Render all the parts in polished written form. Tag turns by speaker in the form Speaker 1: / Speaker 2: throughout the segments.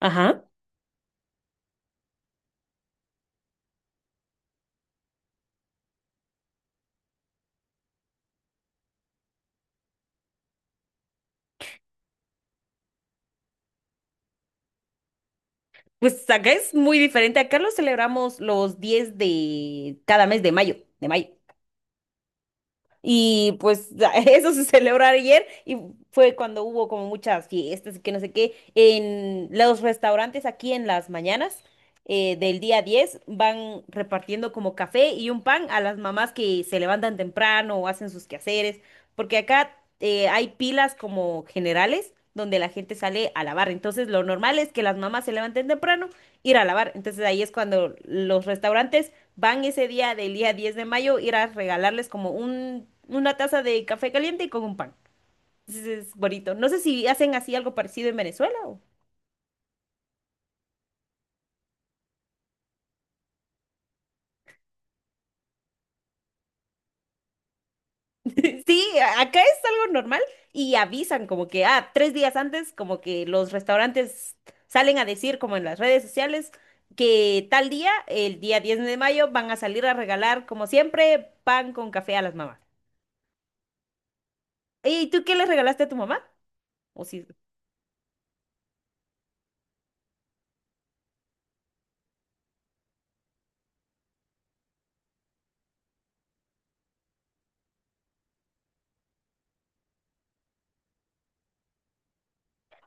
Speaker 1: Ajá. Pues acá es muy diferente. Acá lo celebramos los 10 de cada mes de mayo, de mayo. Y pues eso se celebró ayer y fue cuando hubo como muchas fiestas y que no sé qué. En los restaurantes aquí en las mañanas del día 10 van repartiendo como café y un pan a las mamás que se levantan temprano o hacen sus quehaceres. Porque acá hay pilas como generales donde la gente sale a lavar. Entonces lo normal es que las mamás se levanten temprano, ir a lavar. Entonces ahí es cuando los restaurantes van ese día del día 10 de mayo, ir a regalarles como una taza de café caliente y con un pan. Entonces es bonito. No sé si hacen así algo parecido en Venezuela. Sí, acá es algo normal y avisan como que, ah, tres días antes, como que los restaurantes salen a decir como en las redes sociales que tal día, el día 10 de mayo, van a salir a regalar, como siempre, pan con café a las mamás. ¿Y tú qué le regalaste a tu mamá? ¿O sí?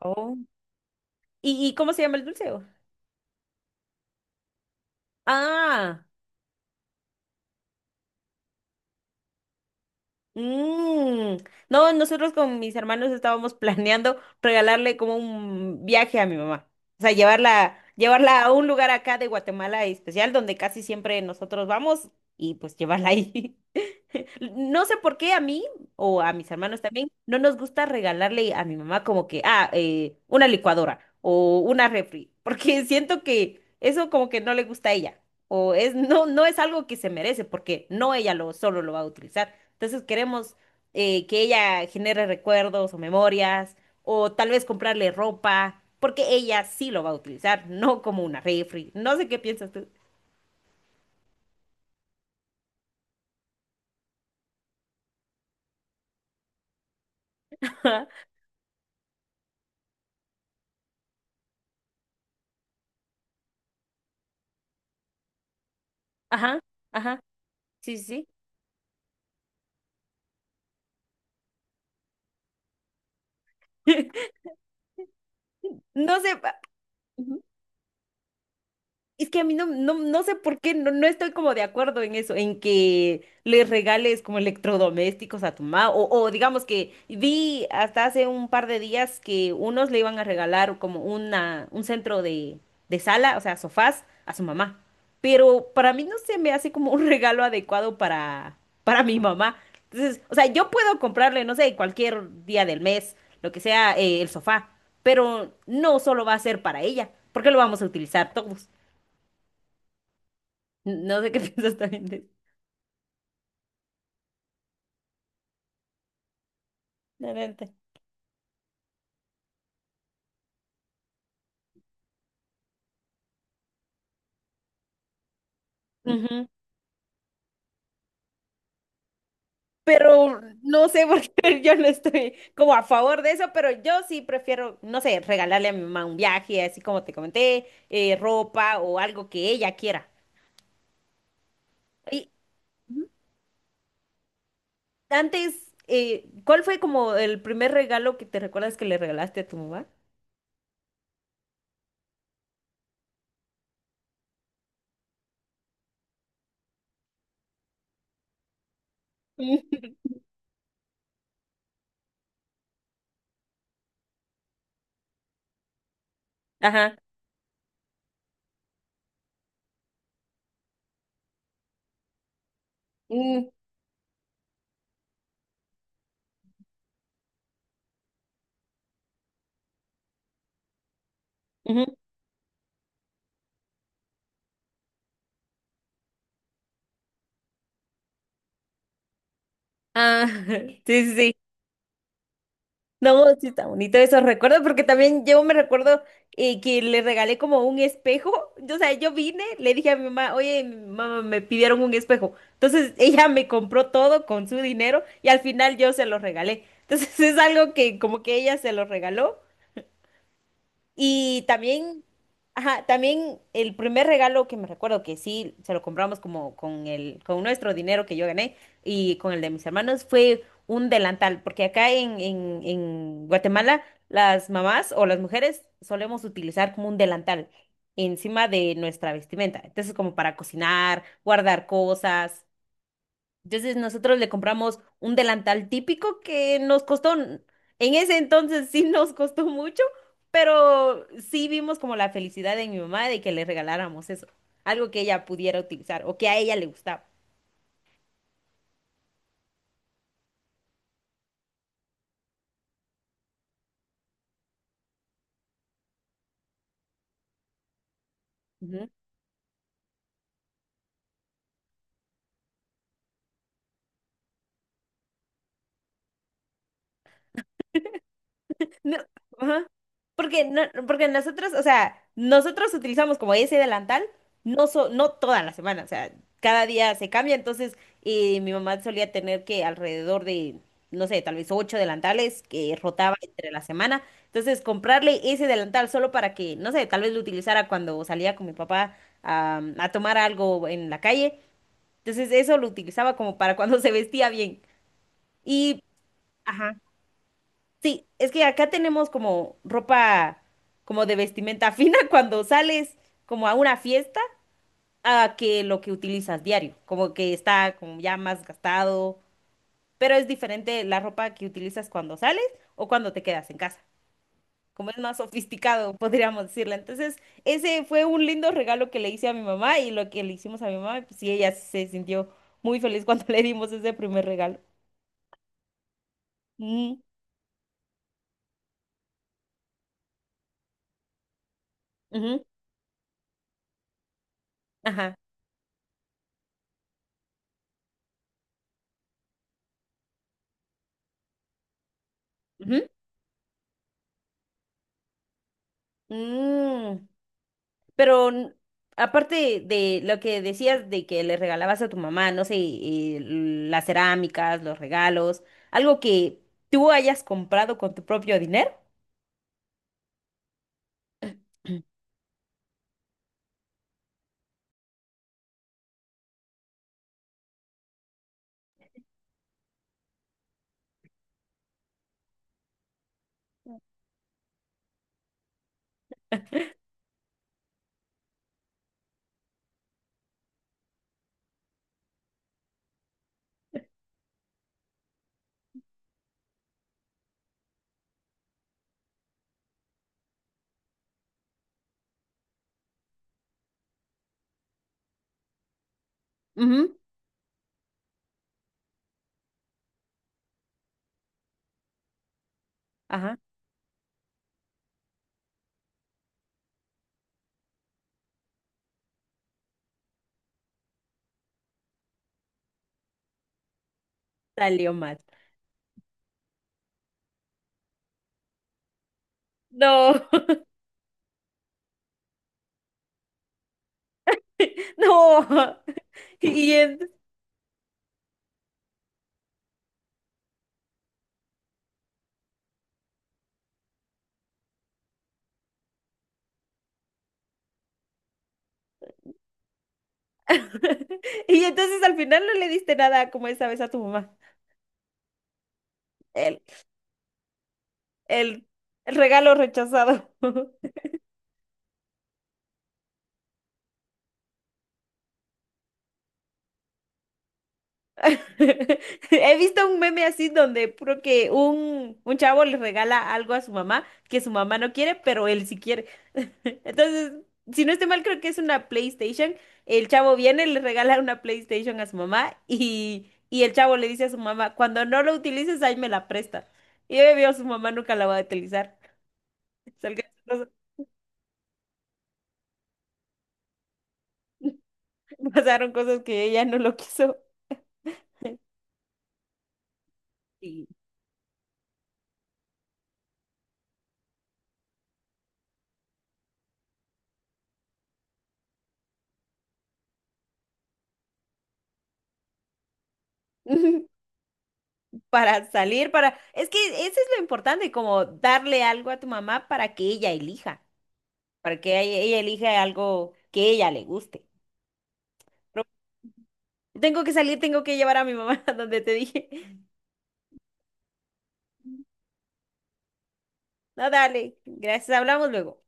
Speaker 1: Oh. ¿Y, cómo se llama el dulce, o? Ah. Mm. No, nosotros con mis hermanos estábamos planeando regalarle como un viaje a mi mamá. O sea, llevarla a un lugar acá de Guatemala especial donde casi siempre nosotros vamos y pues llevarla ahí. No sé por qué a mí o a mis hermanos también no nos gusta regalarle a mi mamá como que, una licuadora o una refri, porque siento que eso como que no le gusta a ella o es no es algo que se merece porque no ella lo solo lo va a utilizar. Entonces queremos que ella genere recuerdos o memorias o tal vez comprarle ropa porque ella sí lo va a utilizar, no como una refri. No sé qué piensas tú. Ajá, ajá, sí, sí. Sí. No sé. Es que a mí no sé por qué, no, no estoy como de acuerdo en eso, en que le regales como electrodomésticos a tu mamá, o digamos que vi hasta hace un par de días que unos le iban a regalar como un centro de sala, o sea, sofás, a su mamá. Pero para mí no se me hace como un regalo adecuado para mi mamá. Entonces, o sea, yo puedo comprarle, no sé, cualquier día del mes, lo que sea, el sofá, pero no solo va a ser para ella, porque lo vamos a utilizar todos. No sé qué piensas también de la neta. Ujú. Pero no sé por qué yo no estoy como a favor de eso, pero yo sí prefiero, no sé, regalarle a mi mamá un viaje, así como te comenté, ropa o algo que ella quiera. Y antes, ¿cuál fue como el primer regalo que te recuerdas que le regalaste a tu mamá? Mm. Ajá. Mm, ujú. Ah, sí, sí. No, sí está bonito esos recuerdos, porque también yo me recuerdo que le regalé como un espejo. O sea, yo vine, le dije a mi mamá, oye, mi mamá, me pidieron un espejo. Entonces ella me compró todo con su dinero y al final yo se lo regalé. Entonces es algo que como que ella se lo regaló y también, ajá, también el primer regalo que me recuerdo que sí se lo compramos como con con nuestro dinero que yo gané y con el de mis hermanos fue un delantal, porque acá en Guatemala las mamás o las mujeres solemos utilizar como un delantal encima de nuestra vestimenta. Entonces, como para cocinar, guardar cosas. Entonces nosotros le compramos un delantal típico que nos costó, en ese entonces sí nos costó mucho, pero sí vimos como la felicidad de mi mamá de que le regaláramos eso, algo que ella pudiera utilizar o que a ella le gustaba. No, ajá. Porque, no, porque nosotros, o sea, nosotros utilizamos como ese delantal, no toda la semana, o sea, cada día se cambia, entonces mi mamá solía tener que alrededor de, no sé, tal vez ocho delantales que rotaba entre la semana, entonces comprarle ese delantal solo para que, no sé, tal vez lo utilizara cuando salía con mi papá a tomar algo en la calle, entonces eso lo utilizaba como para cuando se vestía bien. Y, ajá. Sí, es que acá tenemos como ropa como de vestimenta fina cuando sales como a una fiesta a que lo que utilizas diario, como que está como ya más gastado, pero es diferente la ropa que utilizas cuando sales o cuando te quedas en casa, como es más sofisticado, podríamos decirle. Entonces, ese fue un lindo regalo que le hice a mi mamá y lo que le hicimos a mi mamá, pues sí, ella se sintió muy feliz cuando le dimos ese primer regalo. Mm, ujú, ajá. Ujú, mm. Pero aparte de lo que decías de que le regalabas a tu mamá, no sé, las cerámicas, los regalos, algo que tú hayas comprado con tu propio dinero. Ujú. Ajá, salió mal. No, no. Y, y entonces al final no le diste nada como esa vez a tu mamá. El, el, el regalo rechazado. He visto un meme así donde puro que un chavo le regala algo a su mamá que su mamá no quiere, pero él sí quiere. Entonces, si no estoy mal, creo que es una PlayStation. El chavo viene, le regala una PlayStation a su mamá y el chavo le dice a su mamá, cuando no lo utilices, ahí me la presta. Y obvio, su mamá nunca la va a utilizar. Salga- Pasaron cosas que ella no lo quiso. Sí. Para salir, para... Es que eso es lo importante, como darle algo a tu mamá para que ella elija, para que ella elija algo que ella le guste. Pero tengo que salir, tengo que llevar a mi mamá a donde te dije. No, dale, gracias, hablamos luego.